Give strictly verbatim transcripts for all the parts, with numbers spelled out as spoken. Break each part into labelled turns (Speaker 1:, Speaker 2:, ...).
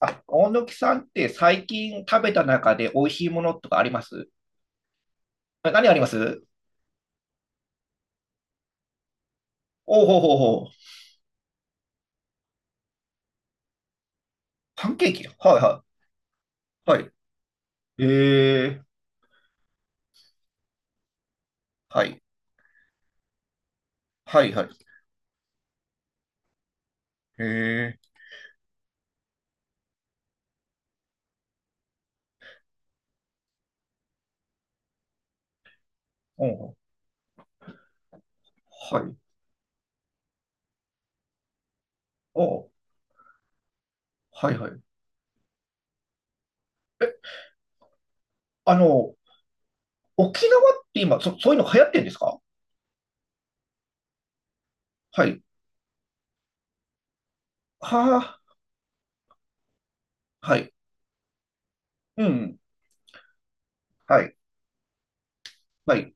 Speaker 1: あ、大貫さんって最近食べた中で美味しいものとかあります？え、何あります？おうほうほうほう。パンケーキ、はいはい。はい。ええ、はい。はいはい。ええ、おう、はい。おう、はいはい。あの、沖縄って今、そ、そういうの流行ってんですか？はい。はあ、はい。うん。はい。はい。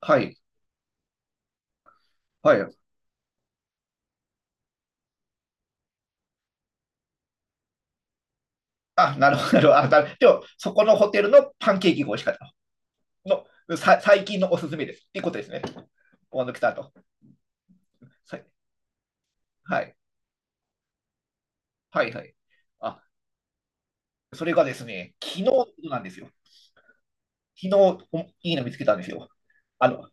Speaker 1: はい。はい。あ、なるほど、なるほど。あ、だ、でも、そこのホテルのパンケーキが美味しかった。の、さ、最近のおすすめです。っていうことですね。大貫さんと。はい、はい、はい、はい。あ、それがですね、昨日のことなんですよ。昨日、おいいの見つけたんですよ。あの、い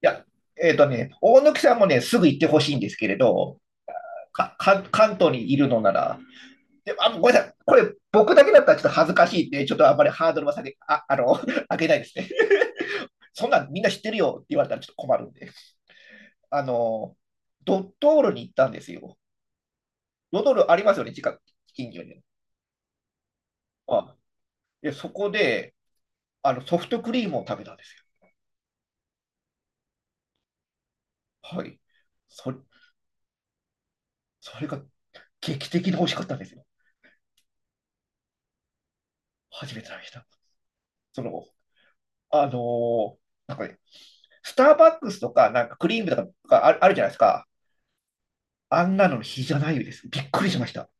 Speaker 1: や、えっとね、大貫さんもね、すぐ行ってほしいんですけれど、か、か、関東にいるのなら、で、あ、ごめんなさい、これ、僕だけだったらちょっと恥ずかしいんで、ちょっとあんまりハードルは下げ、あ、あの、上げないですね。そんなんみんな知ってるよって言われたらちょっと困るんで。あの、ドトールに行ったんですよ。ドトールありますよね、近く、近所に。あ、で、そこで、あの、ソフトクリームを食べたんですよ。はい。それ、それが劇的に美味しかったんですよ。初めて食べました。その、あのーなんかね、スターバックスとか、なんかクリームとかある、あるじゃないですか。あんなの比じゃないです。びっくりしました。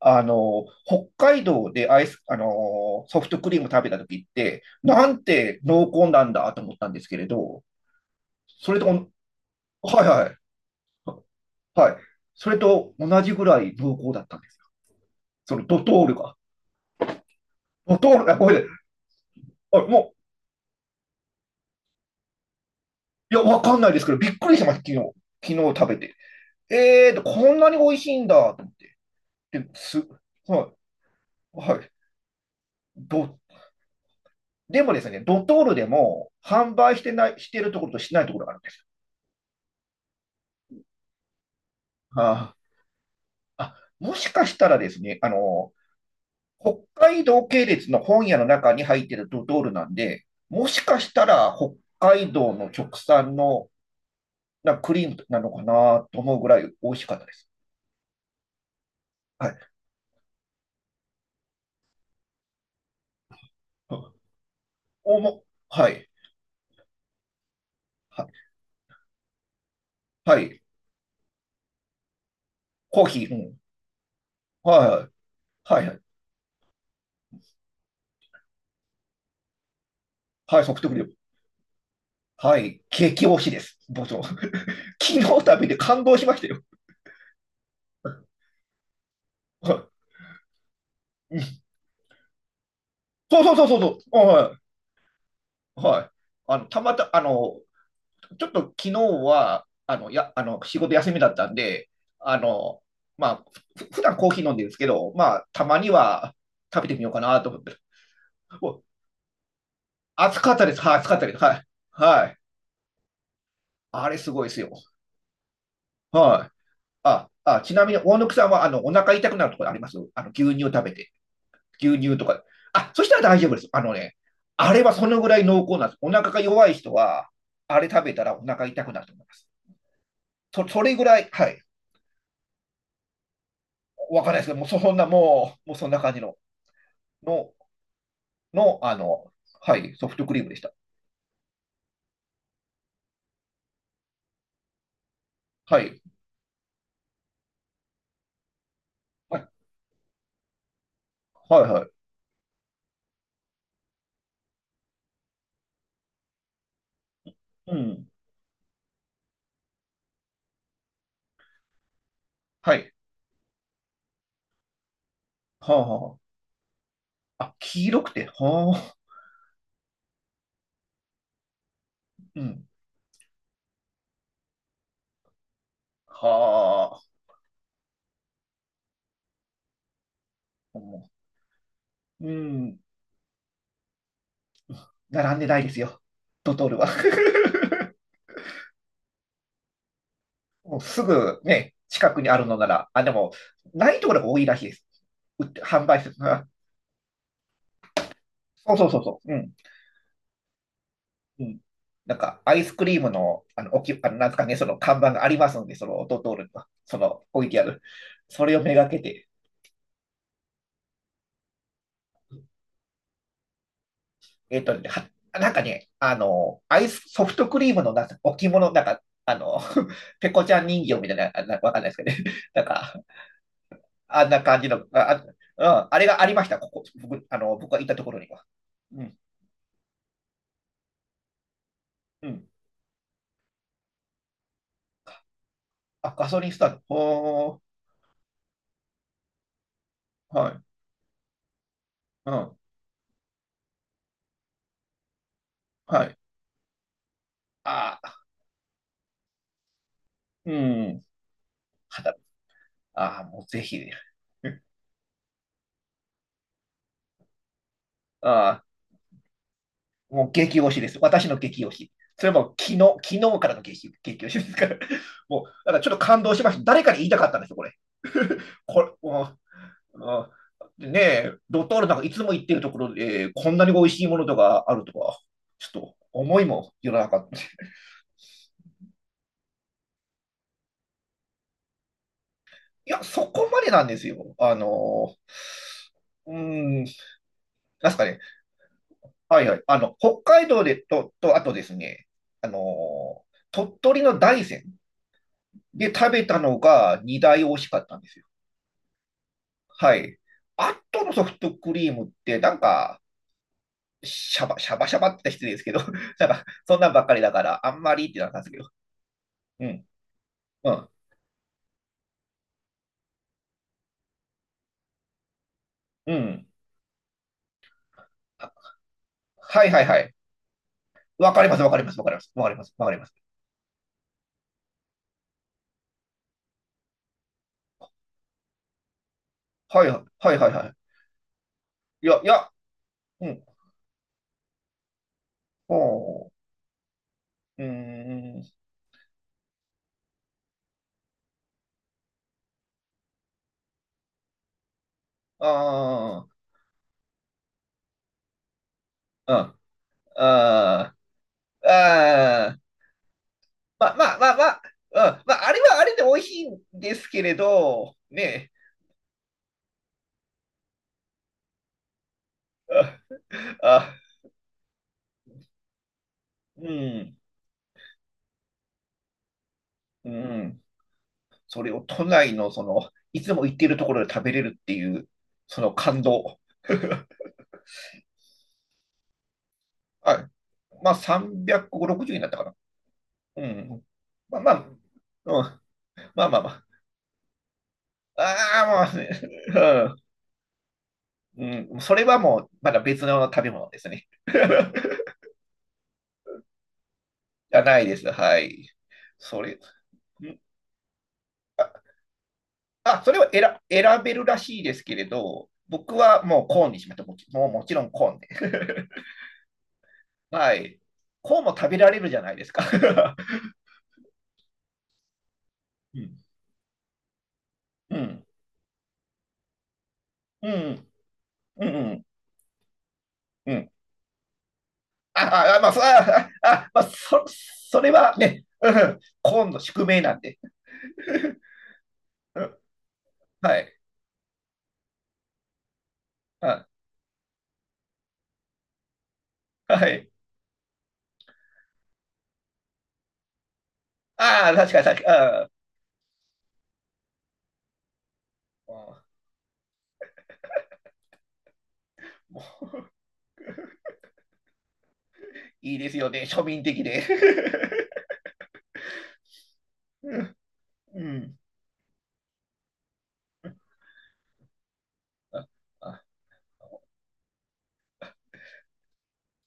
Speaker 1: あのー、北海道でアイス、あのーソフトクリーム食べた時って、なんて濃厚なんだと思ったんですけれど、それとおん、はいはい。はい。それと同じぐらい濃厚だったんです。そのドトールが。ドトールが、ごめんなさい。あもいや、わかんないですけど、びっくりしました、昨日。昨日食べて。えーと、こんなに美味しいんだと思って、す、はい、はい。ど、でもですね、ドトールでも販売してない、してるところとしてないところがあるんですよ。はああ、もしかしたらですね、あの、北海道系列の本屋の中に入ってるドトールなんで、もしかしたら北海道の直産のなクリームなのかなと思うぐらい美味しいかったです。はい。おも、はい。はい。はい、コーヒー、うん。はい、はい、はい、はい、ソフトクリーム。はい、激推しです。僕、昨日食べて感動しましたよ。はい、そうそうそうそうそう、はい、はい。あの、たまた、あの、ちょっと昨日は、あの、や、あの、仕事休みだったんで、あの、まあ、ふ普段コーヒー飲んでるんですけど、まあ、たまには食べてみようかなと思って。お、暑かったです。はい、暑かったです。はい。はい。あれすごいですよ。はい。あ、あ、ちなみに、大野木さんは、あの、お腹痛くなるところあります？あの、牛乳を食べて。牛乳とか。あ、そしたら大丈夫です。あのね、あれはそのぐらい濃厚なんです。お腹が弱い人は、あれ食べたらお腹痛くなると思います。そそれぐらい、はい、わかんないですけど、もうそそんな、もう、もうそんな感じの、の、の、あの、はい、ソフトクリームでした。はい。はい、はい、はい。うん。はい。はあ、はあ。あ、黄色くて、はあ。うん。はあ。もう、うん。並んでないですよ。ドトールは。もうすぐね、近くにあるのなら、あ、でも、ないところが多いらしいです。売って、販売する。あ、そうそうそうそう。うん。うん。なんか、アイスクリームの、あの、おき、あの、なんですかね、その看板がありますので、その、ドトールの、その、置いてある。それをめがけて、えっと、は、なんかね、あの、アイス、ソフトクリームの、なんか、置物、なんか、あの、ペコちゃん人形みたいな、あなわかんないですけどね。なんか、あんな感じの、あ、あうん、あれがありました、ここ、僕、あの、僕がいたところには。うん。うん、あ、ガソリンスタンド。ほー、はい、うん、はい。ああ、うん、肌、ああ、もうぜひ、ああ、もう激推しです。私の激推し。それはもう昨日、昨日からの激、激推しですから。もう、だからちょっと感動しました。誰かに言いたかったんですよ、これ。これ、もう、あでねえ、ドトールなんかいつも言ってるところで、こんなに美味しいものとかあるとは、ちょっと思いもよらなかった。いや、そこまでなんですよ。あの、うーん、なんすかね。はいはい。あの、北海道でと、と、あとですね、あのー鳥取の大山で食べたのがにだい美味しかったんですよ。はい。あとのソフトクリームって、なんか、シャバ、シャバシャバって言ったら失礼ですけど、なんか、そんなんばっかりだから、あんまりってなったんですけど。うん、うん、うん。あ、はいはいはい。わかります、わかります、わかります、わかります、わかります。はいはい、はいはいはい。いや、いや、うん、ほう、うーん、あー、うん、あー、あまあまあまあまあ、うんまあ、あれはあれで美味しいんですけれど、ねあ、あうん、うん、それを都内のその、いつも行っているところで食べれるっていう、その感動。はい。まあ、さんびゃくろくじゅうになったかな。うん。まあまあ、うん、まあまあまあ。ああ、もうね、うん、うん、それはもう、まだ別の食べ物ですね。じゃないです。はい。それ、うんあ、それを選、選べるらしいですけれど、僕はもうコーンにしました。もちもうもちろんコーンで。はい。コーンも食べられるじゃないですか。うん。うん。うん。うん。うんうん。あ、あ、あまあ、そ、あ、あ、まあ、そ、それはね、うん、コーンの宿命なんで。うん、はい。あ、はい。ああ、確かに確かに。ああ、もういいですよね。庶民的で。うん。うん、ああ